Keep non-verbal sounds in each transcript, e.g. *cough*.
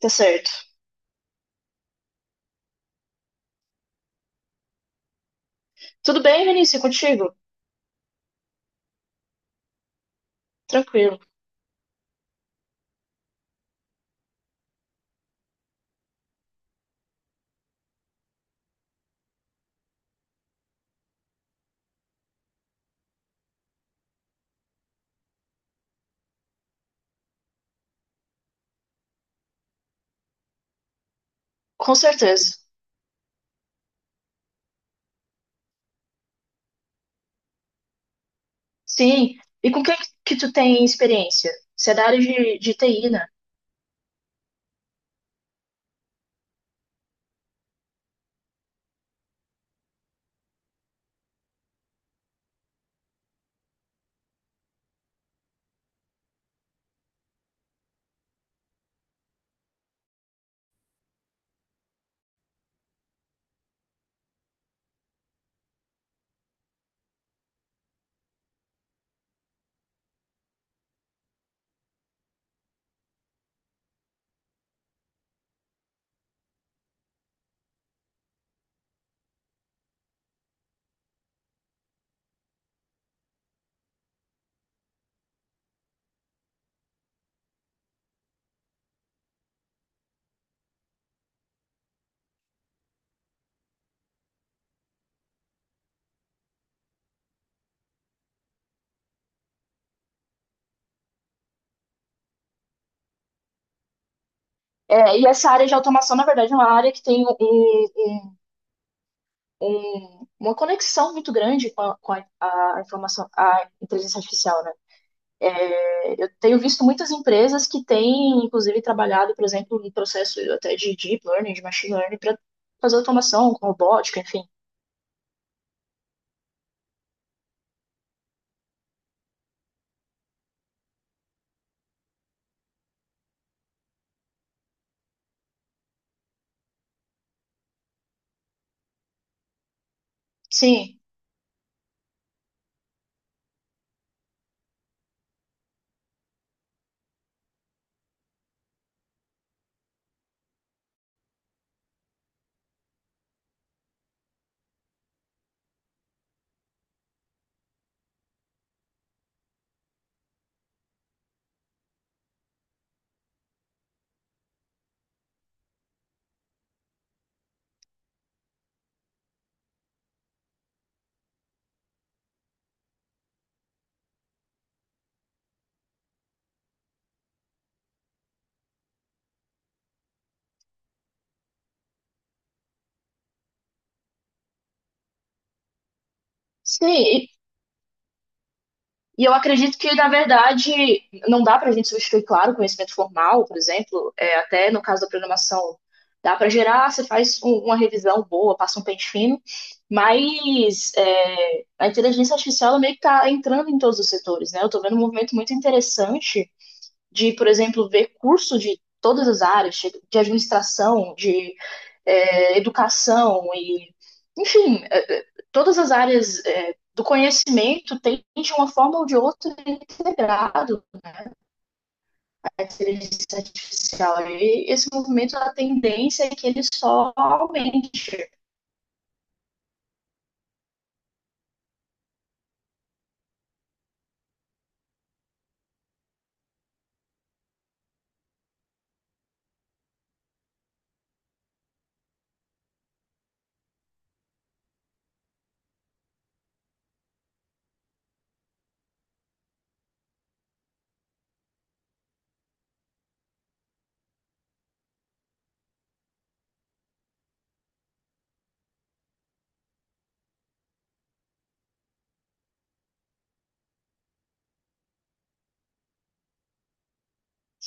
Tá certo. Tudo bem, Vinícius, é contigo? Tranquilo. Com certeza. Sim. E com o que tu tem experiência? Você é da área de TI, né? É, e essa área de automação, na verdade, é uma área que tem uma conexão muito grande com a informação, a inteligência artificial, né? Eu tenho visto muitas empresas que têm, inclusive, trabalhado, por exemplo, no processo até de deep learning, de machine learning, para fazer automação com robótica, enfim. Sim, sim. E eu acredito que, na verdade, não dá para a gente substituir, claro, o conhecimento formal, por exemplo, até no caso da programação, dá para gerar, você faz uma revisão boa, passa um pente fino, mas a inteligência artificial ela meio que está entrando em todos os setores, né? Eu estou vendo um movimento muito interessante de, por exemplo, ver curso de todas as áreas, de administração, de educação e, enfim, todas as áreas do conhecimento têm de uma forma ou de outra integrado a inteligência artificial. E esse movimento, a tendência é que ele só aumente.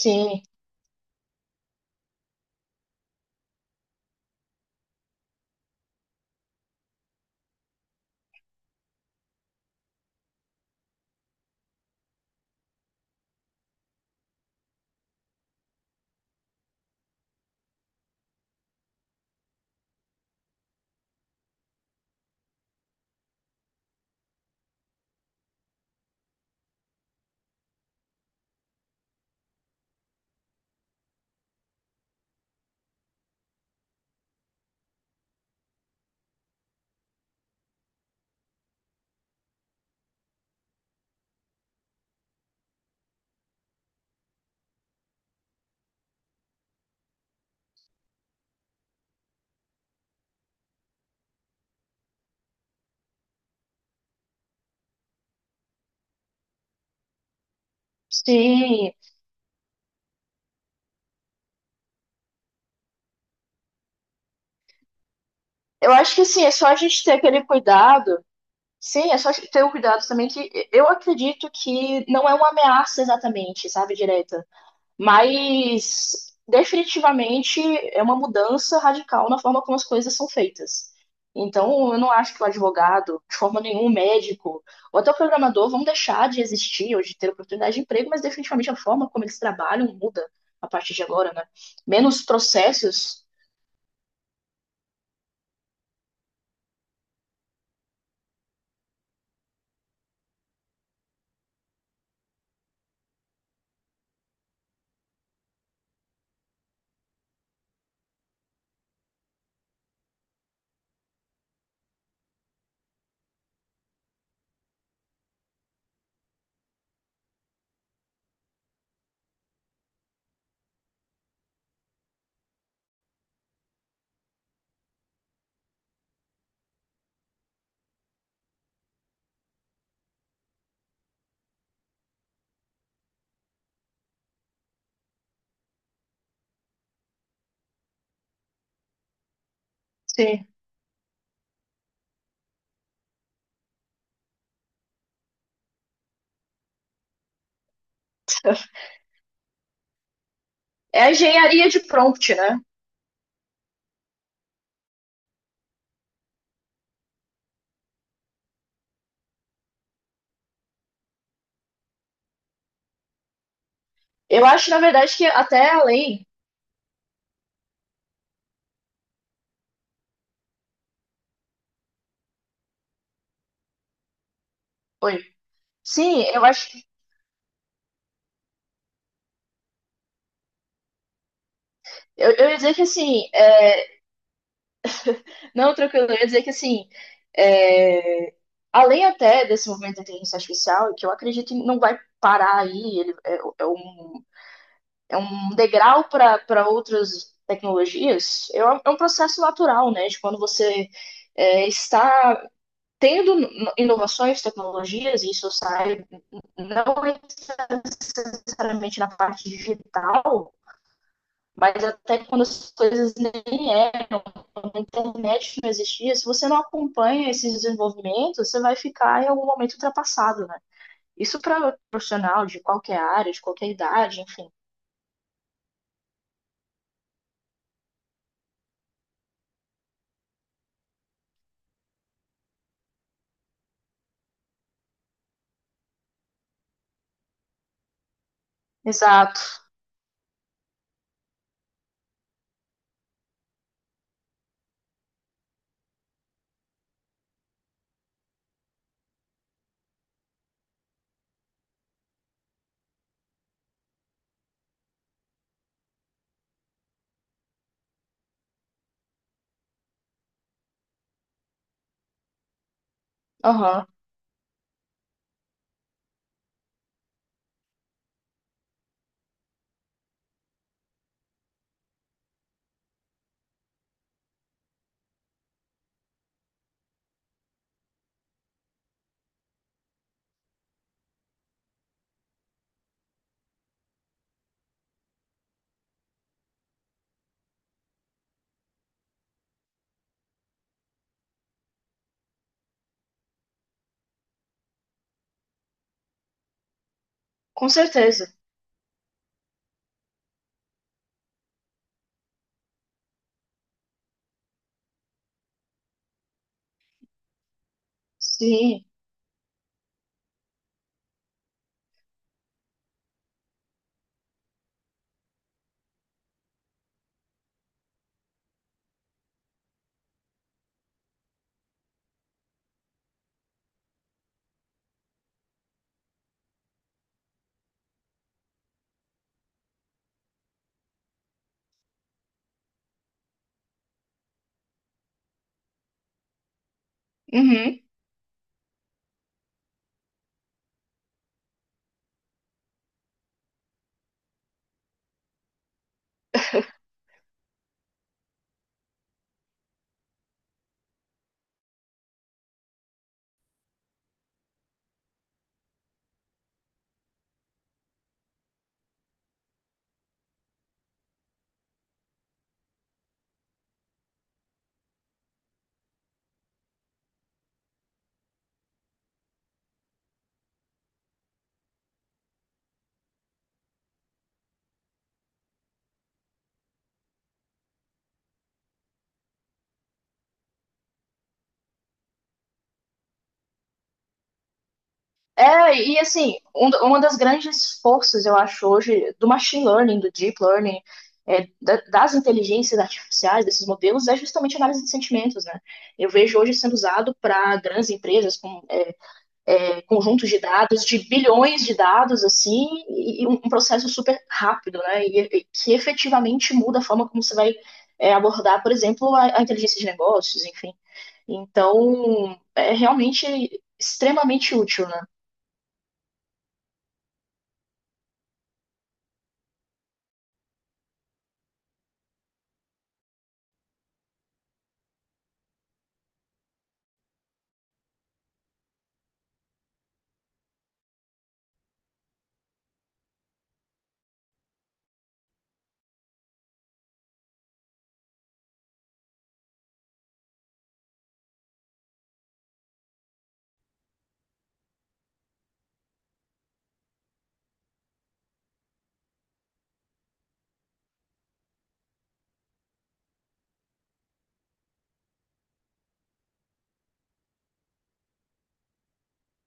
Sim, sim. Eu acho que assim, é só a gente ter aquele cuidado. Sim, é só ter o cuidado também que eu acredito que não é uma ameaça exatamente, sabe, direta. Mas definitivamente é uma mudança radical na forma como as coisas são feitas. Então, eu não acho que o advogado, *laughs* de forma nenhuma, o médico, ou até o programador vão deixar de existir ou de ter oportunidade de emprego, mas definitivamente a forma como eles trabalham muda a partir de agora, né? Menos processos. Sim. *laughs* É a engenharia de prompt, né? Eu acho, na verdade, que até além. Oi. Sim, eu acho. Eu ia dizer que, assim, é, não, tranquilo, eu ia dizer que assim, é, além até desse movimento da inteligência artificial, que eu acredito que não vai parar aí, ele é, é um degrau para outras tecnologias, é um processo natural, né? De quando você está tendo inovações, tecnologias, e isso sai não necessariamente na parte digital, mas até quando as coisas nem é a internet não existia, se você não acompanha esses desenvolvimentos, você vai ficar em algum momento ultrapassado, né? Isso para profissional de qualquer área, de qualquer idade, enfim. Exato. Aham. Com certeza. Sim. Uhum. É, e assim, um, uma das grandes forças, eu acho, hoje, do machine learning, do deep learning, das inteligências artificiais, desses modelos, é justamente a análise de sentimentos, né? Eu vejo hoje sendo usado para grandes empresas com conjuntos de dados, de bilhões de dados, assim, e, um processo super rápido, né? E que efetivamente muda a forma como você vai abordar, por exemplo, a inteligência de negócios, enfim. Então, é realmente extremamente útil, né?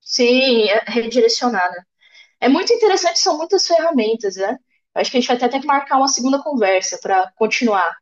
Se é, redirecionar, né? É muito interessante, são muitas ferramentas, né? Acho que a gente vai até ter que marcar uma segunda conversa para continuar